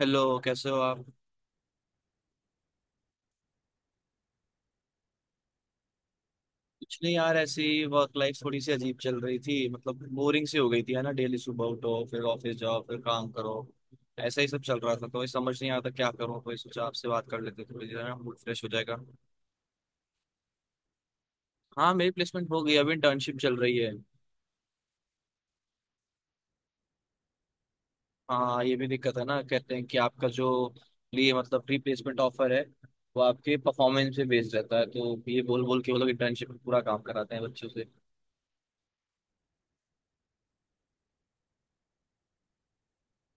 Hello कैसे हो आप। कुछ नहीं यार, ऐसी वर्क लाइफ थोड़ी सी अजीब चल रही थी, मतलब बोरिंग सी हो गई थी है ना। डेली सुबह उठो, फिर ऑफिस जाओ, फिर काम करो, ऐसा ही सब चल रहा था, तो ये समझ नहीं आता क्या करूँ, तो ये सोचा आपसे बात कर लेते हैं, थोड़ी देर में मूड फ्रेश हो जाएगा। हाँ मेरी प्लेसमेंट हो गई, अभी इंटर्नशिप चल रही है। हाँ ये भी दिक्कत है ना, कहते हैं कि आपका जो लिए मतलब प्री प्लेसमेंट ऑफर है, वो आपके परफॉर्मेंस पे बेस्ड रहता है, तो ये बोल बोल के वो लोग इंटर्नशिप में पूरा काम कराते हैं बच्चों से।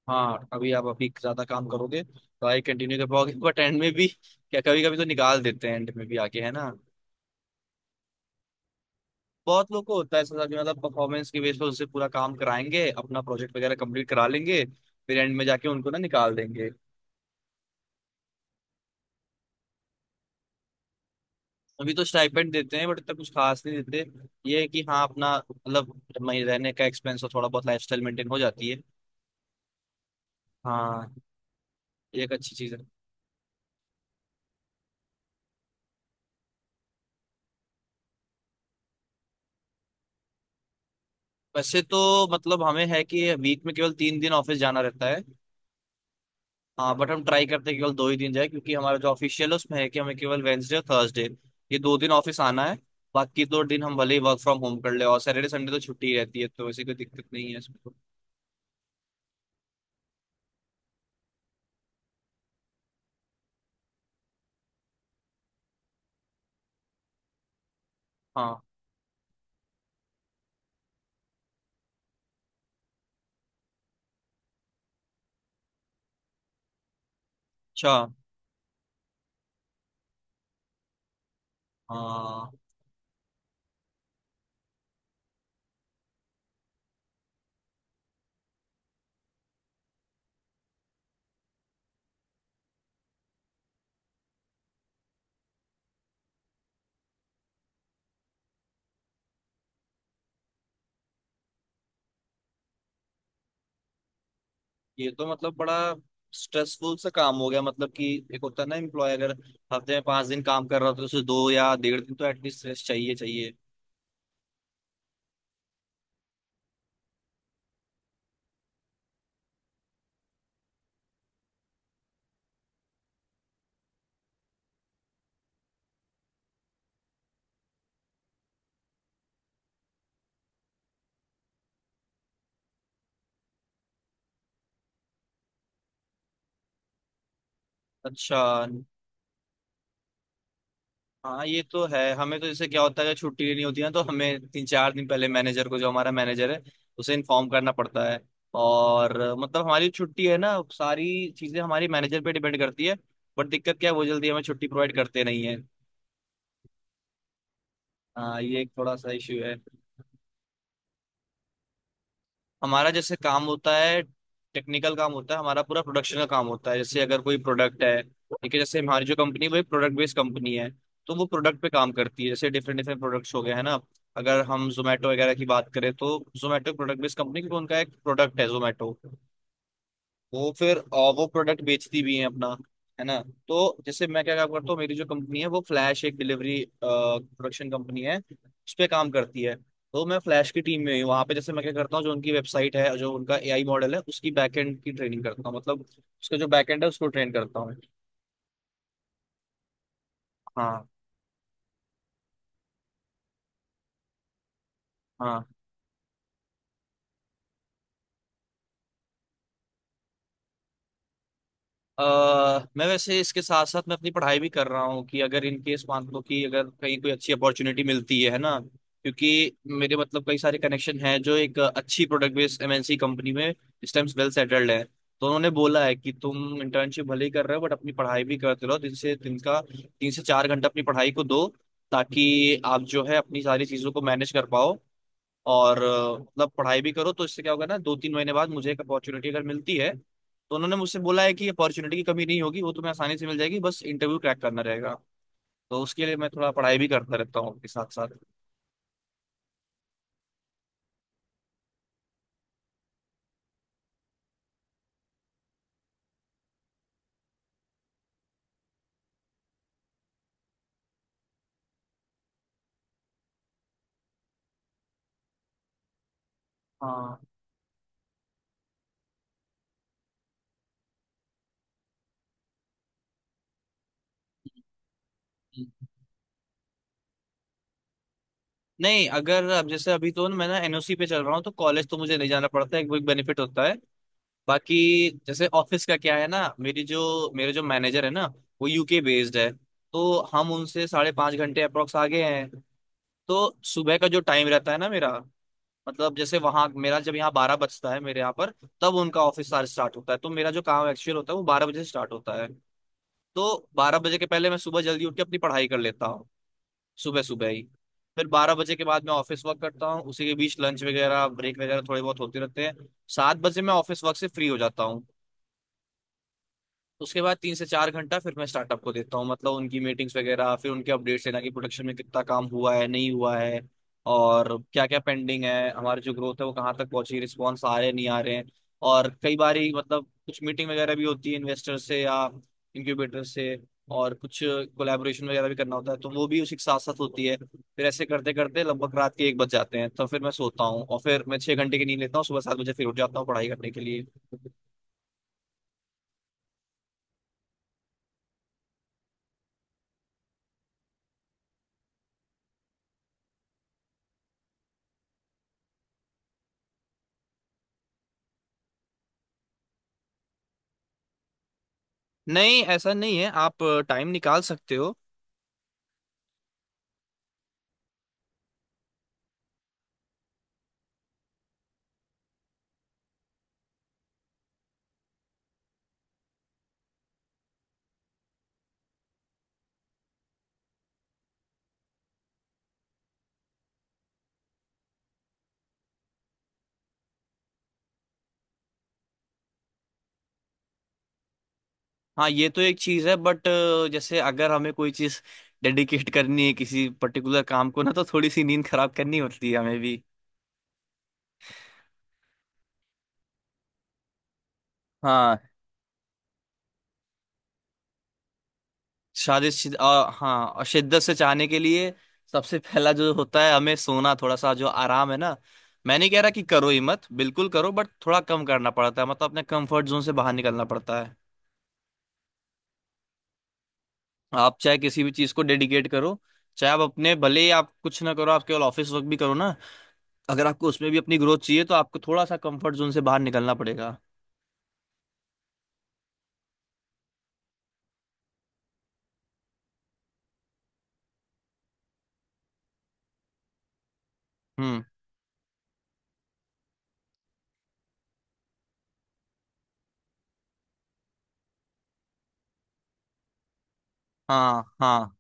हाँ अभी आप अभी ज्यादा काम करोगे तो आई कंटिन्यू कर पाओगे, बट एंड में भी क्या कभी कभी तो निकाल देते हैं एंड में भी आके है ना। बहुत लोग को होता है ऐसा कि मतलब परफॉर्मेंस के बेस पर उससे पूरा काम कराएंगे, अपना प्रोजेक्ट वगैरह कंप्लीट करा लेंगे, फिर एंड में जाके उनको ना निकाल देंगे। अभी तो स्टाइपेंड देते हैं बट इतना कुछ खास नहीं देते, ये है कि हाँ अपना मतलब रहने का एक्सपेंस और थोड़ा बहुत लाइफ स्टाइल मेंटेन हो जाती है। हाँ ये एक अच्छी चीज है। वैसे तो मतलब हमें है कि वीक में केवल 3 दिन ऑफिस जाना रहता है। हाँ बट हम ट्राई करते हैं केवल 2 ही दिन जाए, क्योंकि हमारा जो ऑफिशियल है उसमें है कि हमें केवल वेंसडे और थर्सडे, ये 2 दिन ऑफिस आना है। बाकी 2 दिन हम भले ही वर्क फ्रॉम होम कर ले, और सैटरडे संडे तो छुट्टी ही रहती है, तो वैसे कोई दिक्कत नहीं है इसमें तो। हाँ। अच्छा। हाँ ये तो मतलब बड़ा स्ट्रेसफुल सा काम हो गया, मतलब कि एक होता है ना एम्प्लॉय, अगर हफ्ते में 5 दिन काम कर रहा हो तो उसे 2 या 1.5 दिन तो एटलीस्ट रेस्ट चाहिए चाहिए अच्छा। हाँ ये तो है, हमें तो जैसे क्या होता है छुट्टी लेनी होती है ना, तो हमें 3-4 दिन पहले मैनेजर को, जो हमारा मैनेजर है उसे इन्फॉर्म करना पड़ता है। और मतलब हमारी छुट्टी है ना, सारी चीजें हमारी मैनेजर पे डिपेंड करती है, बट दिक्कत क्या है वो जल्दी हमें छुट्टी प्रोवाइड करते नहीं है। हाँ ये एक थोड़ा सा इश्यू है। हमारा जैसे काम होता है टेक्निकल काम होता है, हमारा पूरा प्रोडक्शन का काम होता है। जैसे अगर कोई प्रोडक्ट है, ठीक है, जैसे हमारी जो कंपनी वो एक प्रोडक्ट बेस्ड कंपनी है, तो वो प्रोडक्ट पे काम करती है। जैसे डिफरेंट डिफरेंट प्रोडक्ट्स हो गए हैं ना, अगर हम जोमेटो वगैरह की बात करें तो जोमेटो प्रोडक्ट बेस्ड कंपनी, क्योंकि उनका एक प्रोडक्ट है जोमेटो। वो फिर वो प्रोडक्ट बेचती भी है अपना, है ना। तो जैसे मैं क्या काम करता हूँ, मेरी जो कंपनी है वो फ्लैश, एक डिलीवरी प्रोडक्शन कंपनी है, उस पर काम करती है। तो मैं फ्लैश की टीम में ही हूँ, वहाँ पे जैसे मैं क्या करता हूँ, जो उनकी वेबसाइट है, जो उनका एआई मॉडल है, उसकी बैकएंड की ट्रेनिंग करता हूँ, मतलब उसका जो बैकएंड है उसको ट्रेन करता हूँ। हाँ। हाँ अ, मैं वैसे इसके साथ साथ मैं अपनी पढ़ाई भी कर रहा हूँ, कि अगर इन केस मान लो कि अगर कहीं कोई अच्छी अपॉर्चुनिटी मिलती है ना, क्योंकि मेरे मतलब कई सारे कनेक्शन हैं जो एक अच्छी प्रोडक्ट बेस्ड एमएनसी कंपनी में इस टाइम वेल सेटल्ड है, तो उन्होंने बोला है कि तुम इंटर्नशिप भले ही कर रहे हो बट अपनी पढ़ाई भी करते रहो, दिन से दिन का 3 से 4 घंटा अपनी पढ़ाई को दो, ताकि आप जो है अपनी सारी चीजों को मैनेज कर पाओ। और मतलब पढ़ाई भी करो तो इससे क्या होगा ना, 2-3 महीने बाद मुझे एक अपॉर्चुनिटी अगर मिलती है तो उन्होंने मुझसे बोला है कि अपॉर्चुनिटी की कमी नहीं होगी, वो तुम्हें आसानी से मिल जाएगी, बस इंटरव्यू क्रैक करना रहेगा। तो उसके लिए मैं थोड़ा पढ़ाई भी करता रहता हूँ के साथ साथ। हाँ। नहीं अगर, अब जैसे अभी तो मैं ना एनओसी पे चल रहा हूँ तो कॉलेज तो मुझे नहीं जाना पड़ता है, वो एक बेनिफिट होता है। बाकी जैसे ऑफिस का क्या है ना, मेरी जो मेरे जो मैनेजर है ना, वो यूके बेस्ड है। तो हम उनसे 5:30 घंटे अप्रोक्स आगे हैं। तो सुबह का जो टाइम रहता है ना मेरा, मतलब जैसे वहां मेरा, जब यहाँ 12 बजता है मेरे यहाँ पर, तब उनका ऑफिस आवर स्टार्ट होता है, तो मेरा जो काम एक्चुअल होता है वो 12 बजे से स्टार्ट होता है। तो 12 बजे के पहले मैं सुबह जल्दी उठ के अपनी पढ़ाई कर लेता हूँ, सुबह सुबह ही। फिर 12 बजे के बाद मैं ऑफिस वर्क करता हूँ, उसी के बीच लंच वगैरह ब्रेक वगैरह थोड़े बहुत होते रहते हैं। 7 बजे मैं ऑफिस वर्क से फ्री हो जाता हूँ। उसके बाद 3 से 4 घंटा फिर मैं स्टार्टअप को देता हूँ, मतलब उनकी मीटिंग्स वगैरह, फिर उनके अपडेट्स लेना कि प्रोडक्शन में कितना काम हुआ है नहीं हुआ है, और क्या क्या पेंडिंग है, हमारी जो ग्रोथ है वो कहाँ तक पहुंची, रिस्पॉन्स आ रहे हैं नहीं आ रहे हैं। और कई बार ही मतलब कुछ मीटिंग वगैरह भी होती है इन्वेस्टर से या इंक्यूबेटर से, और कुछ कोलैबोरेशन वगैरह भी करना होता है तो वो भी उसी के साथ साथ होती है। फिर ऐसे करते करते लगभग रात के 1 बज जाते हैं, तो फिर मैं सोता हूँ, और फिर मैं 6 घंटे की नींद लेता हूँ, सुबह 7 बजे फिर उठ जाता हूँ पढ़ाई करने के लिए। नहीं ऐसा नहीं है, आप टाइम निकाल सकते हो। हाँ ये तो एक चीज है बट, जैसे अगर हमें कोई चीज डेडिकेट करनी है किसी पर्टिकुलर काम को ना, तो थोड़ी सी नींद खराब करनी होती है हमें भी। हाँ। हाँ, और शिद्दत से चाहने के लिए सबसे पहला जो होता है हमें सोना, थोड़ा सा जो आराम है ना, मैं नहीं कह रहा कि करो ही मत बिल्कुल, करो बट थोड़ा कम करना पड़ता है, मतलब अपने कंफर्ट जोन से बाहर निकलना पड़ता है। आप चाहे किसी भी चीज को डेडिकेट करो, चाहे आप अपने भले ही आप कुछ ना करो, आप केवल ऑफिस वर्क भी करो ना, अगर आपको उसमें भी अपनी ग्रोथ चाहिए तो आपको थोड़ा सा कंफर्ट जोन से बाहर निकलना पड़ेगा। हम्म। हाँ। हाँ।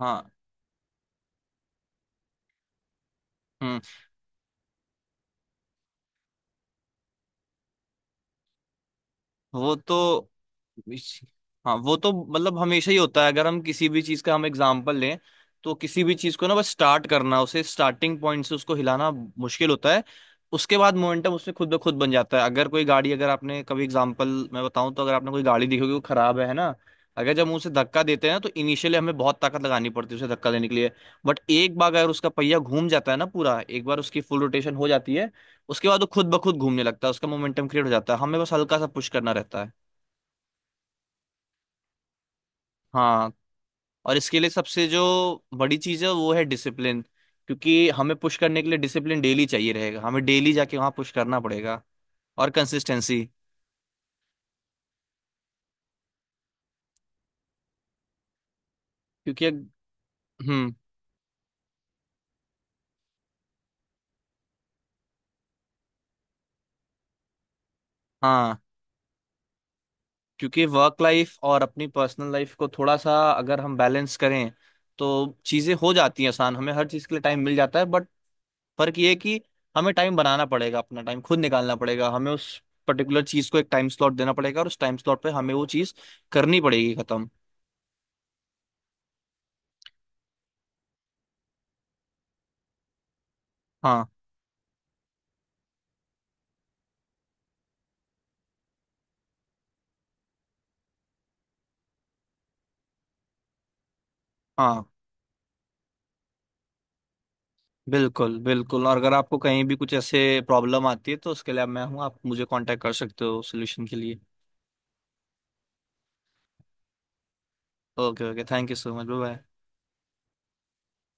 हाँ। हम्म। वो तो इस- हाँ वो तो मतलब हमेशा ही होता है, अगर हम किसी भी चीज का हम एग्जाम्पल लें, तो किसी भी चीज को ना बस स्टार्ट करना, उसे स्टार्टिंग पॉइंट से उसको हिलाना मुश्किल होता है। उसके बाद मोमेंटम उसमें खुद ब खुद बन जाता है। अगर कोई गाड़ी, अगर आपने कभी एग्जाम्पल मैं बताऊं तो, अगर आपने कोई गाड़ी देखी होगी वो खराब है ना, अगर जब हम उसे धक्का देते हैं ना तो इनिशियली हमें बहुत ताकत लगानी पड़ती है उसे धक्का देने के लिए, बट एक बार अगर उसका पहिया घूम जाता है ना, पूरा एक बार उसकी फुल रोटेशन हो जाती है, उसके बाद वो खुद ब खुद घूमने लगता है, उसका मोमेंटम क्रिएट हो जाता है, हमें बस हल्का सा पुश करना रहता है। हाँ और इसके लिए सबसे जो बड़ी चीज़ है वो है डिसिप्लिन, क्योंकि हमें पुश करने के लिए डिसिप्लिन डेली चाहिए रहेगा, हमें डेली जाके वहाँ पुश करना पड़ेगा, और कंसिस्टेंसी। क्योंकि हम्म। हाँ। क्योंकि वर्क लाइफ और अपनी पर्सनल लाइफ को थोड़ा सा अगर हम बैलेंस करें तो चीज़ें हो जाती हैं आसान, हमें हर चीज़ के लिए टाइम मिल जाता है, बट फर्क ये है कि हमें टाइम बनाना पड़ेगा, अपना टाइम खुद निकालना पड़ेगा, हमें उस पर्टिकुलर चीज को एक टाइम स्लॉट देना पड़ेगा और उस टाइम स्लॉट पे हमें वो चीज करनी पड़ेगी, खत्म। हाँ। हाँ बिल्कुल बिल्कुल, और अगर आपको कहीं भी कुछ ऐसे प्रॉब्लम आती है तो उसके लिए मैं हूँ, आप मुझे कांटेक्ट कर सकते हो सोल्यूशन के लिए। Okay okay, thank you so much, bye.